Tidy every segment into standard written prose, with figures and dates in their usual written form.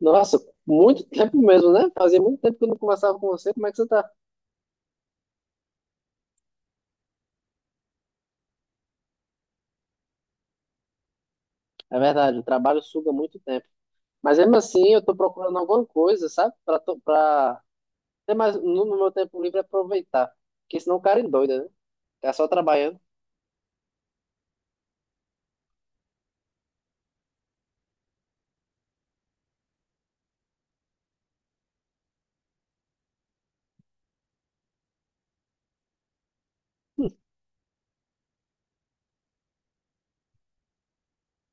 Nossa, muito tempo mesmo, né? Fazia muito tempo que eu não conversava com você. Como é que você tá? É verdade, o trabalho suga muito tempo. Mas mesmo assim, eu tô procurando alguma coisa, sabe? Pra ter mais no meu tempo livre aproveitar. Porque senão o cara endoida, né? Tá só trabalhando.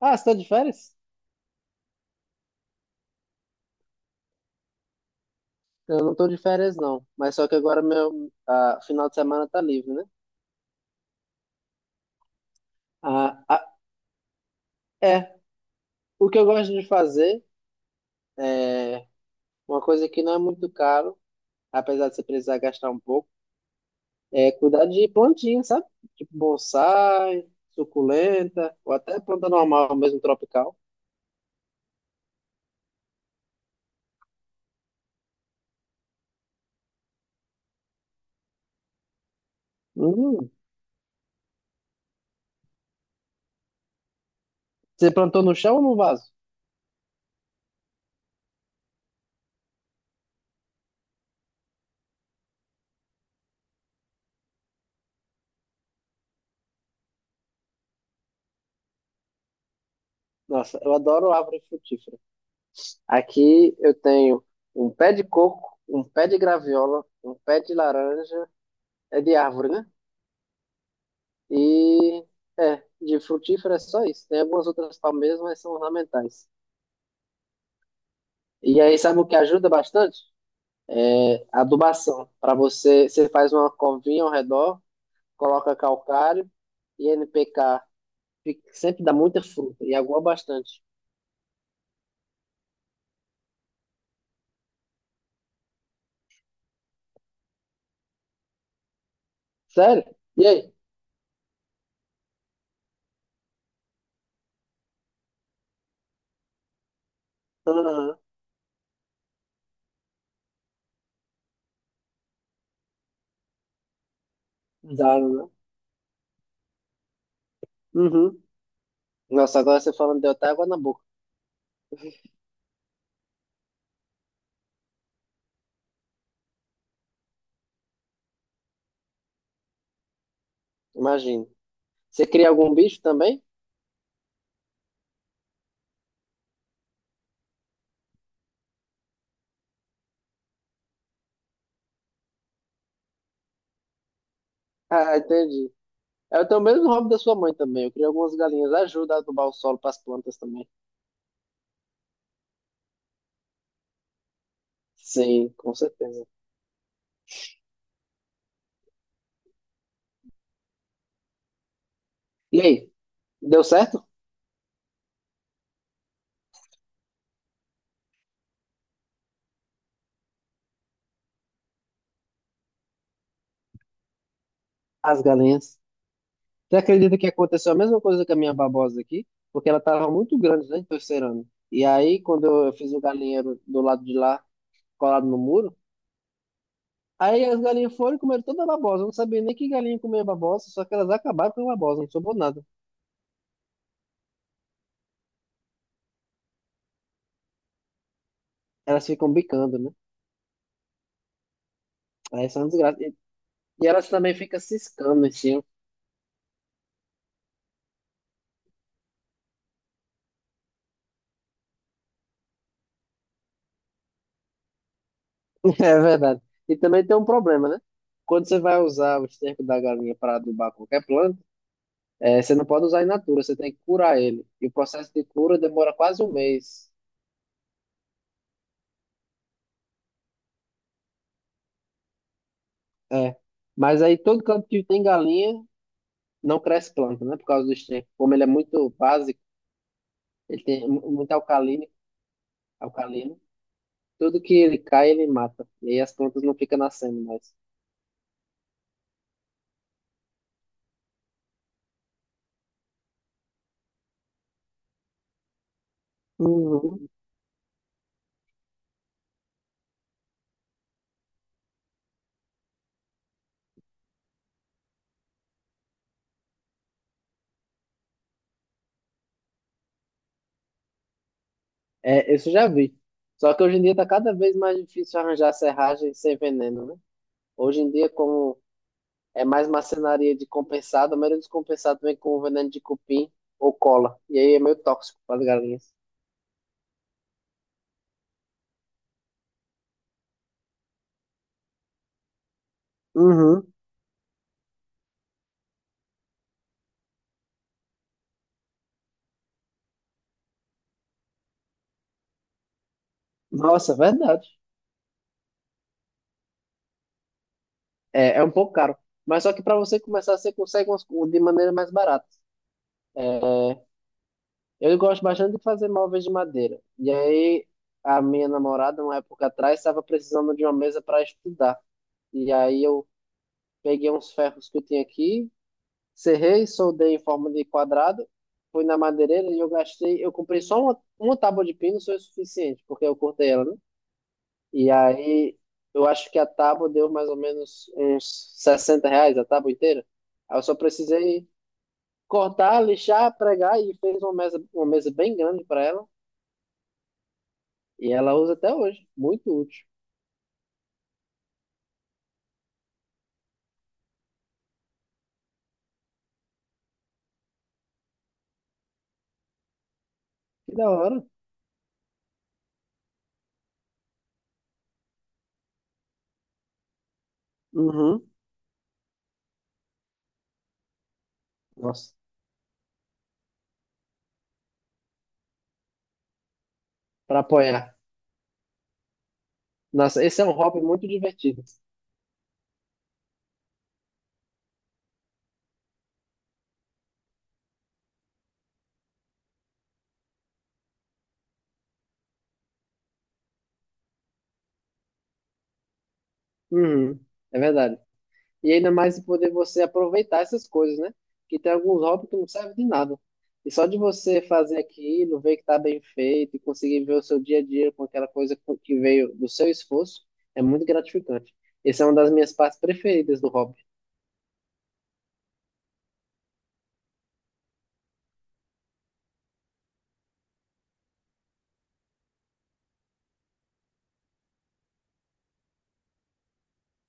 Ah, você tá de férias? Eu não tô de férias, não. Mas só que agora meu final de semana tá livre, né? Ah, ah, é. O que eu gosto de fazer, é uma coisa que não é muito caro, apesar de você precisar gastar um pouco. É cuidar de plantinha, sabe? Tipo bonsai, suculenta, ou até planta normal, mesmo tropical. Hum, você plantou no chão ou no vaso? Nossa, eu adoro árvore frutífera. Aqui eu tenho um pé de coco, um pé de graviola, um pé de laranja, é de árvore, né? E é, de frutífera é só isso. Tem algumas outras palmeiras, mas são ornamentais. E aí, sabe o que ajuda bastante? É, adubação. Para você, você faz uma covinha ao redor, coloca calcário e NPK. Fica- Sempre dá muita fruta e água bastante. Sério? E aí? Aham. Dá, né? Uhum. Nossa, agora você falando deu até água na boca. Imagina. Você cria algum bicho também? Ah, entendi. Eu tenho o mesmo hobby da sua mãe também. Eu crio algumas galinhas. Ajuda a adubar o solo para as plantas também. Sim, com certeza. E aí? Deu certo? As galinhas. Você acredita que aconteceu a mesma coisa com a minha babosa aqui? Porque ela estava muito grande, né, de terceiro ano. E aí, quando eu fiz o galinheiro do lado de lá, colado no muro, aí as galinhas foram e comeram toda a babosa. Eu não sabia nem que galinha comia babosa, só que elas acabaram com a babosa, não sobrou nada. Elas ficam bicando, né? Aí são desgraça. E elas também ficam ciscando em cima. É verdade. E também tem um problema, né? Quando você vai usar o esterco da galinha para adubar qualquer planta, você não pode usar in natura, você tem que curar ele. E o processo de cura demora quase 1 mês. É. Mas aí todo campo que tem galinha não cresce planta, né? Por causa do esterco. Como ele é muito básico, ele tem muito alcalino, alcalino. Tudo que ele cai, ele mata. E aí as plantas não ficam nascendo mais. Uhum. É, isso eu já vi. Só que hoje em dia tá cada vez mais difícil arranjar serragem sem veneno, né? Hoje em dia, como é mais marcenaria de compensado, a maioria dos compensados vem com veneno de cupim ou cola. E aí é meio tóxico para as galinhas. Uhum. Nossa, verdade. É, é um pouco caro. Mas só que para você começar, você consegue umas co- de maneira mais barata. Eu gosto bastante de fazer móveis de madeira. E aí, a minha namorada, uma época atrás, estava precisando de uma mesa para estudar. E aí, eu peguei uns ferros que eu tinha aqui, serrei, soldei em forma de quadrado, fui na madeireira e eu gastei. Eu comprei só uma tábua de pino, foi o suficiente, porque eu cortei ela, né? E aí, eu acho que a tábua deu mais ou menos uns R$ 60, a tábua inteira. Aí eu só precisei cortar, lixar, pregar e fez uma mesa bem grande para ela. E ela usa até hoje. Muito útil. Que da hora. Uhum. Nossa, para apoiar. Nossa, esse é um hobby muito divertido. Uhum. É verdade. E ainda mais de poder você aproveitar essas coisas, né? Que tem alguns hobbies que não servem de nada. E só de você fazer aquilo, ver que tá bem feito e conseguir ver o seu dia a dia com aquela que veio do seu esforço, é muito gratificante. Essa é uma das minhas partes preferidas do hobby,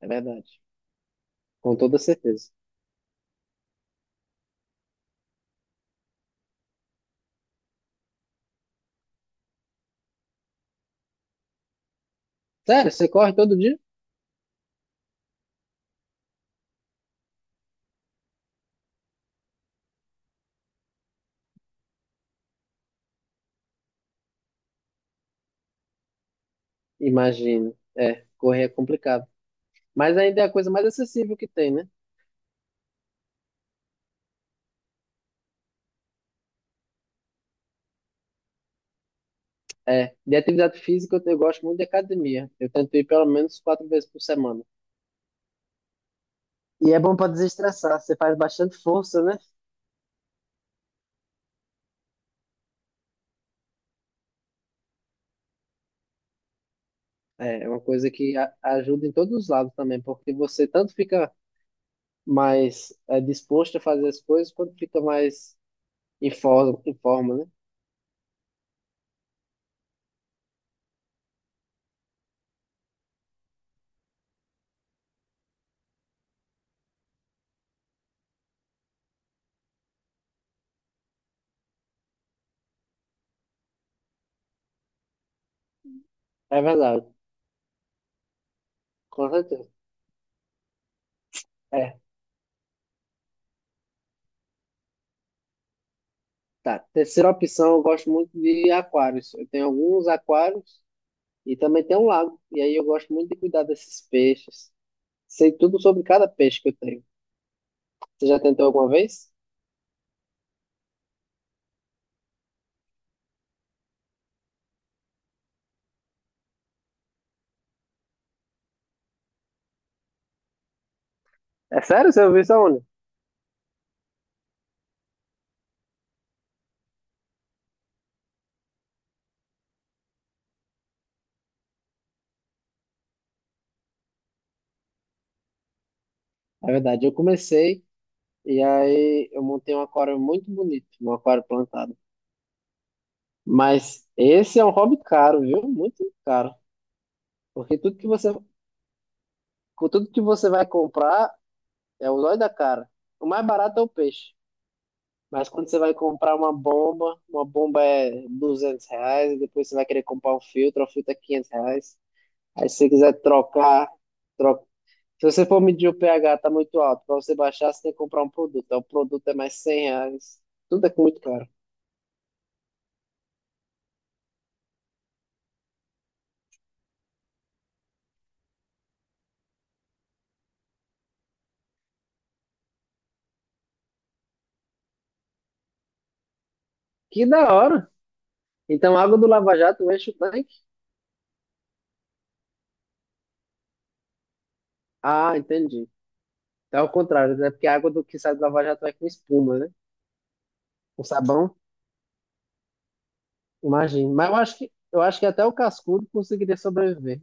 é verdade. Com toda certeza. Sério, você corre todo dia? Imagino. É, correr é complicado. Mas ainda é a coisa mais acessível que tem, né? É, de atividade física eu gosto muito de academia. Eu tento ir pelo menos 4 vezes por semana. E é bom para desestressar, você faz bastante força, né? É, é uma coisa que ajuda em todos os lados também, porque você tanto fica mais disposto a fazer as coisas, quanto fica mais em forma, né? É verdade, com certeza. É. Tá, terceira opção, eu gosto muito de aquários. Eu tenho alguns aquários e também tem um lago. E aí eu gosto muito de cuidar desses peixes. Sei tudo sobre cada peixe que eu tenho. Você já tentou alguma vez? É sério? Você ouviu isso aonde? É verdade, eu comecei e aí eu montei um aquário muito bonito, um aquário plantado. Mas esse é um hobby caro, viu? Muito caro. Porque tudo que você, com tudo que você vai comprar é o olho da cara. O mais barato é o peixe. Mas quando você vai comprar uma bomba é R$ 200, e depois você vai querer comprar um filtro, o filtro é R$ 500. Aí se você quiser trocar, troca. Se você for medir o pH, tá muito alto. Para você baixar, você tem que comprar um produto. Aí o produto é mais R$ 100. Tudo é muito caro. Que da hora! Então, a água do Lava Jato enche o tanque? Ah, entendi. Então, é o contrário, né? Porque a água do que sai do Lava Jato é com espuma, né? Com sabão, imagina. Mas eu acho que até o cascudo conseguiria sobreviver.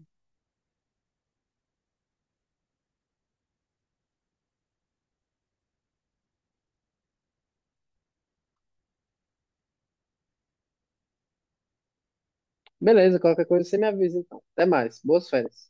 Beleza, qualquer coisa você me avisa então. Até mais. Boas férias.